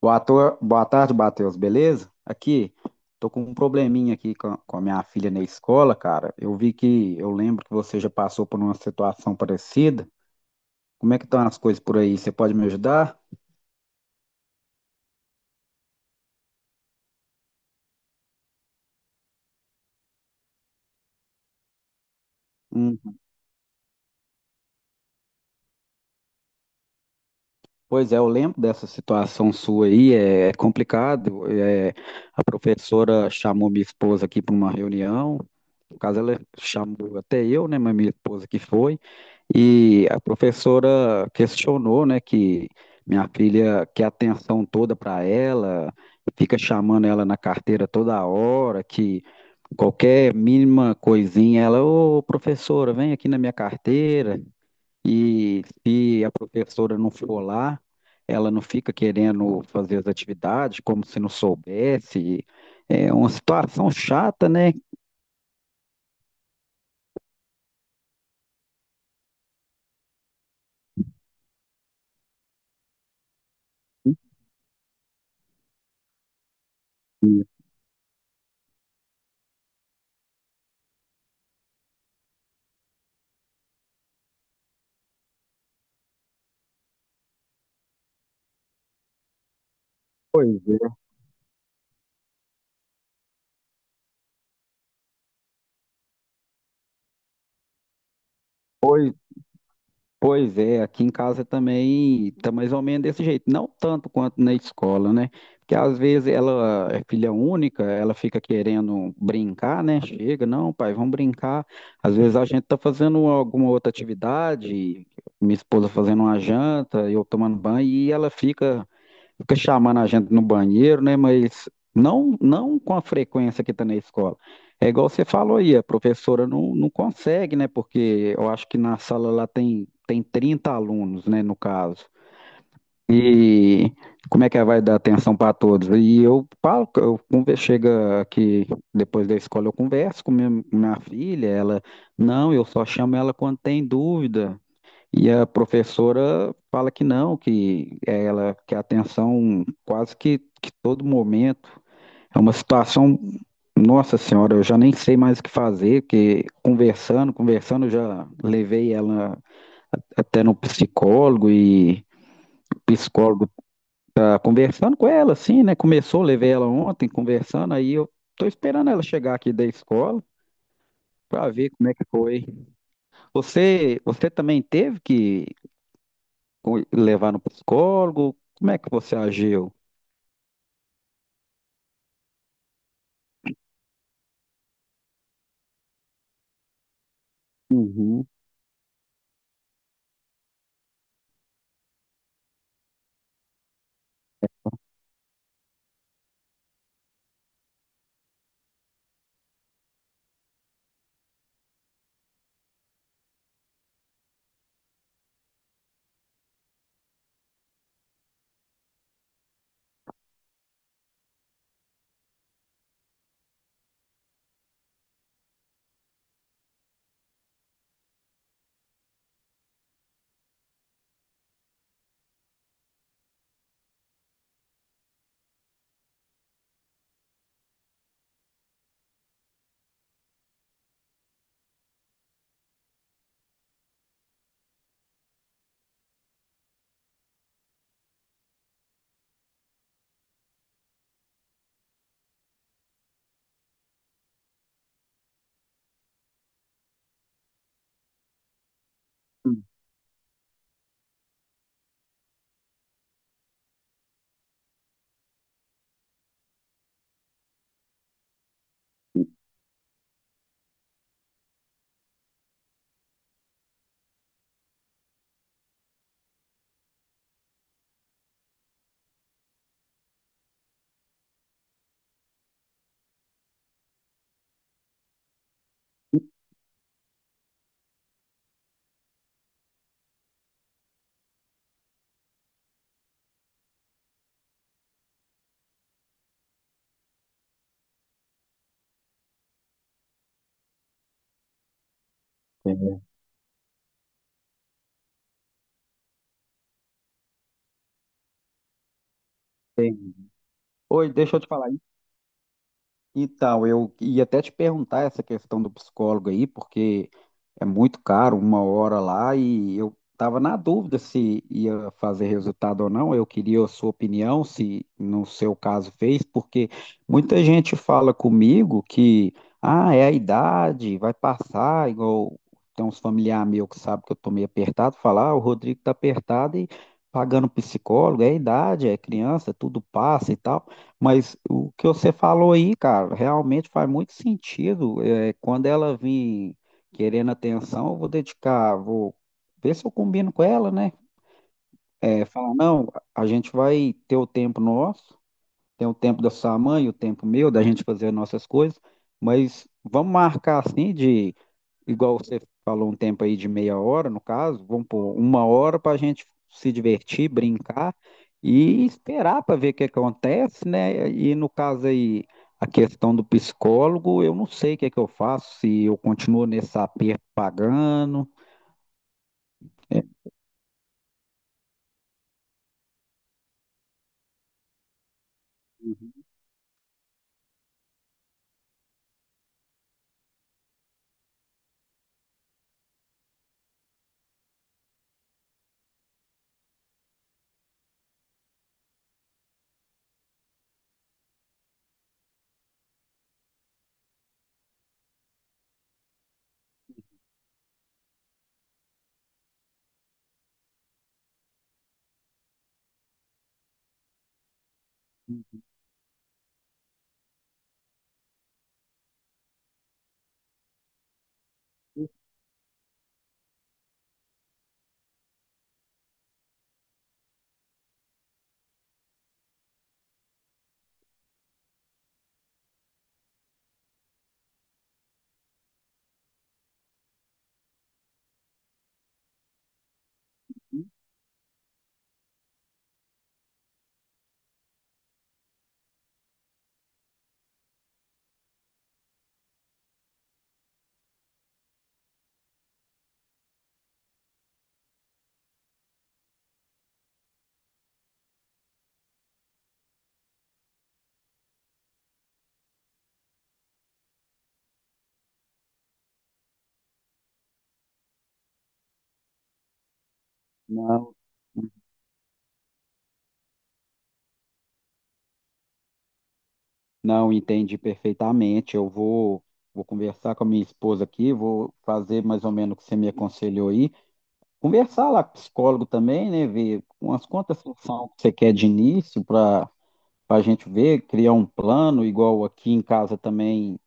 Boa, Boa tarde, Matheus, beleza? Aqui, tô com um probleminha aqui com a minha filha na escola, cara. Eu lembro que você já passou por uma situação parecida. Como é que estão as coisas por aí? Você pode me ajudar? Um. Pois é, eu lembro dessa situação sua aí, é complicado. A professora chamou minha esposa aqui para uma reunião, no caso ela chamou até eu, né, mas minha esposa que foi, e a professora questionou, né, que minha filha quer atenção toda para ela, fica chamando ela na carteira toda hora, que qualquer mínima coisinha ela, ô professora, vem aqui na minha carteira. E se a professora não for lá, ela não fica querendo fazer as atividades como se não soubesse. É uma situação chata, né? Pois é. Pois é, aqui em casa também tá mais ou menos desse jeito, não tanto quanto na escola, né? Porque às vezes ela é filha única, ela fica querendo brincar, né? Chega, não, pai, vamos brincar. Às vezes a gente tá fazendo alguma outra atividade, minha esposa fazendo uma janta, eu tomando banho, e ela fica chamando a gente no banheiro, né? Mas não, não com a frequência que está na escola. É igual você falou aí, a professora não, não consegue, né? Porque eu acho que na sala lá tem 30 alunos, né? No caso. E como é que ela vai dar atenção para todos? E eu falo, que chega aqui depois da escola, eu converso com minha filha, ela, não, eu só chamo ela quando tem dúvida. E a professora fala que não, que é, ela quer atenção quase que todo momento. É uma situação, nossa senhora, eu já nem sei mais o que fazer, que conversando, conversando, eu já levei ela até no psicólogo, e o psicólogo tá conversando com ela, assim, né? Começou, levei ela ontem conversando, aí eu tô esperando ela chegar aqui da escola para ver como é que foi. Você também teve que levar no psicólogo? Como é que você agiu? Uhum. Entendo. Entendi. Oi, deixa eu te falar. Então, eu ia até te perguntar essa questão do psicólogo aí, porque é muito caro, uma hora lá, e eu estava na dúvida se ia fazer resultado ou não. Eu queria a sua opinião, se no seu caso fez, porque muita gente fala comigo que, ah, é a idade, vai passar, igual tem uns familiares meus que sabem que eu estou meio apertado, falar, ah, o Rodrigo está apertado e pagando psicólogo, é a idade, é criança, tudo passa e tal. Mas o que você falou aí, cara, realmente faz muito sentido. Quando ela vir querendo atenção, eu vou dedicar, vou ver se eu combino com ela, né? Falar, não, a gente vai ter o tempo nosso, tem o tempo da sua mãe, o tempo meu, da gente fazer as nossas coisas, mas vamos marcar assim de, igual você falou, um tempo aí de meia hora, no caso, vamos pôr uma hora para a gente se divertir, brincar e esperar para ver o que acontece, né? E no caso aí, a questão do psicólogo, eu não sei o que é que eu faço, se eu continuo nesse aperto pagando. É, uhum. Não, não entendi perfeitamente. Eu vou conversar com a minha esposa aqui, vou fazer mais ou menos o que você me aconselhou aí. Conversar lá com o psicólogo também, né? Ver umas quantas sessões que você quer de início para a gente ver, criar um plano, igual aqui em casa também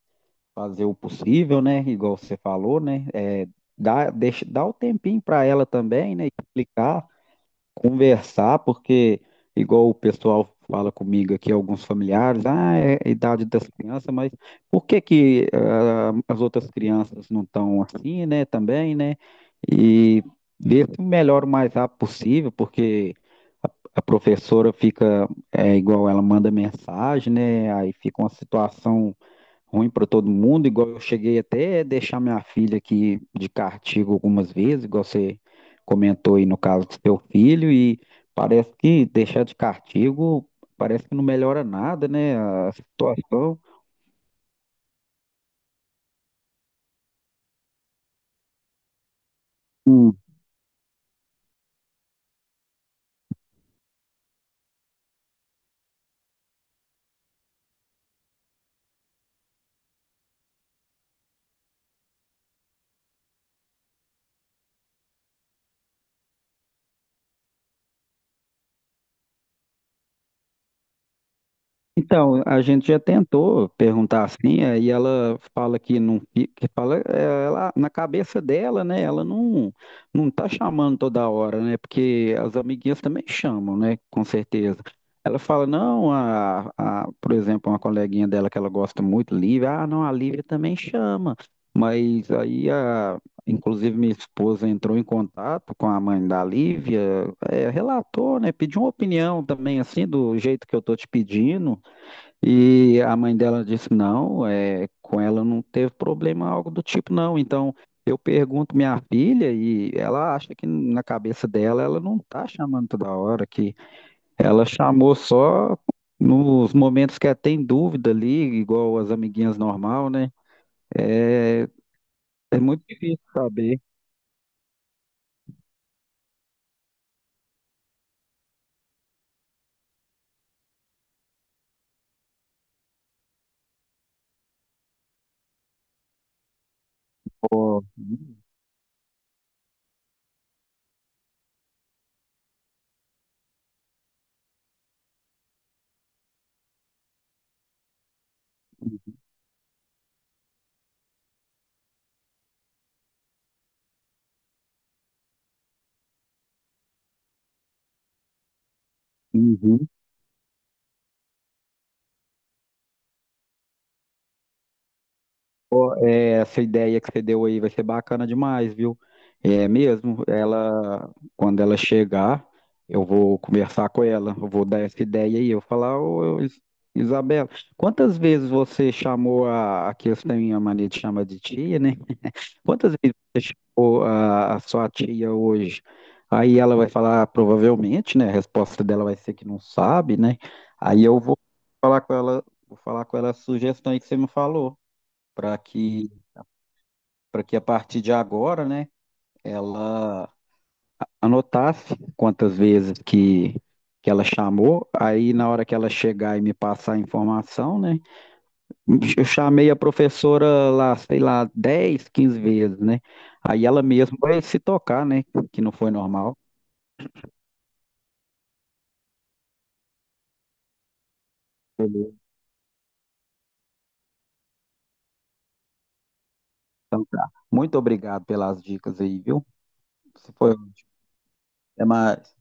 fazer o possível, né? Igual você falou, né? Dá o tempinho para ela também, né? Explicar. Conversar, porque igual o pessoal fala comigo aqui, alguns familiares, é a idade das crianças, mas por que que as outras crianças não estão assim, né, também, né? E ver se melhora o mais rápido possível, porque a professora fica, é igual ela manda mensagem, né? Aí fica uma situação ruim para todo mundo, igual eu cheguei até a deixar minha filha aqui de castigo algumas vezes, igual você comentou aí no caso do seu filho, e parece que deixar de castigo parece que não melhora nada, né, a situação. Então, a gente já tentou perguntar assim, aí ela fala que não, que fala, ela, na cabeça dela, né, ela não tá chamando toda hora, né, porque as amiguinhas também chamam, né, com certeza. Ela fala, não, por exemplo, uma coleguinha dela que ela gosta muito, Lívia, ah, não, a Lívia também chama, mas aí, inclusive, minha esposa entrou em contato com a mãe da Lívia, relatou, né, pediu uma opinião também, assim, do jeito que eu tô te pedindo, e a mãe dela disse: não, é, com ela não teve problema, algo do tipo, não. Então eu pergunto minha filha e ela acha que na cabeça dela ela não tá chamando toda hora, que ela chamou só nos momentos que ela tem dúvida ali, igual as amiguinhas normal, né? É, é muito difícil saber. Ó, uhum. Ó, essa ideia que você deu aí vai ser bacana demais, viu? É mesmo, ela, quando ela chegar, eu vou conversar com ela, eu vou dar essa ideia aí, eu vou falar, ô Isabela, quantas vezes você chamou aqui eles têm a mania de chamar de tia, né? Quantas vezes você chamou a sua tia hoje? Aí ela vai falar, "Ah, provavelmente, né? A resposta dela vai ser que não sabe, né? Aí eu vou falar com ela, a sugestão aí que você me falou, para que para que a partir de agora, né, ela anotasse quantas vezes que ela chamou, aí na hora que ela chegar e me passar a informação, né, eu chamei a professora lá, sei lá, 10, 15 vezes, né, aí ela mesma vai se tocar, né, que não foi normal. Beleza. Então tá. Muito obrigado pelas dicas aí, viu? Isso foi ótimo. Até mais.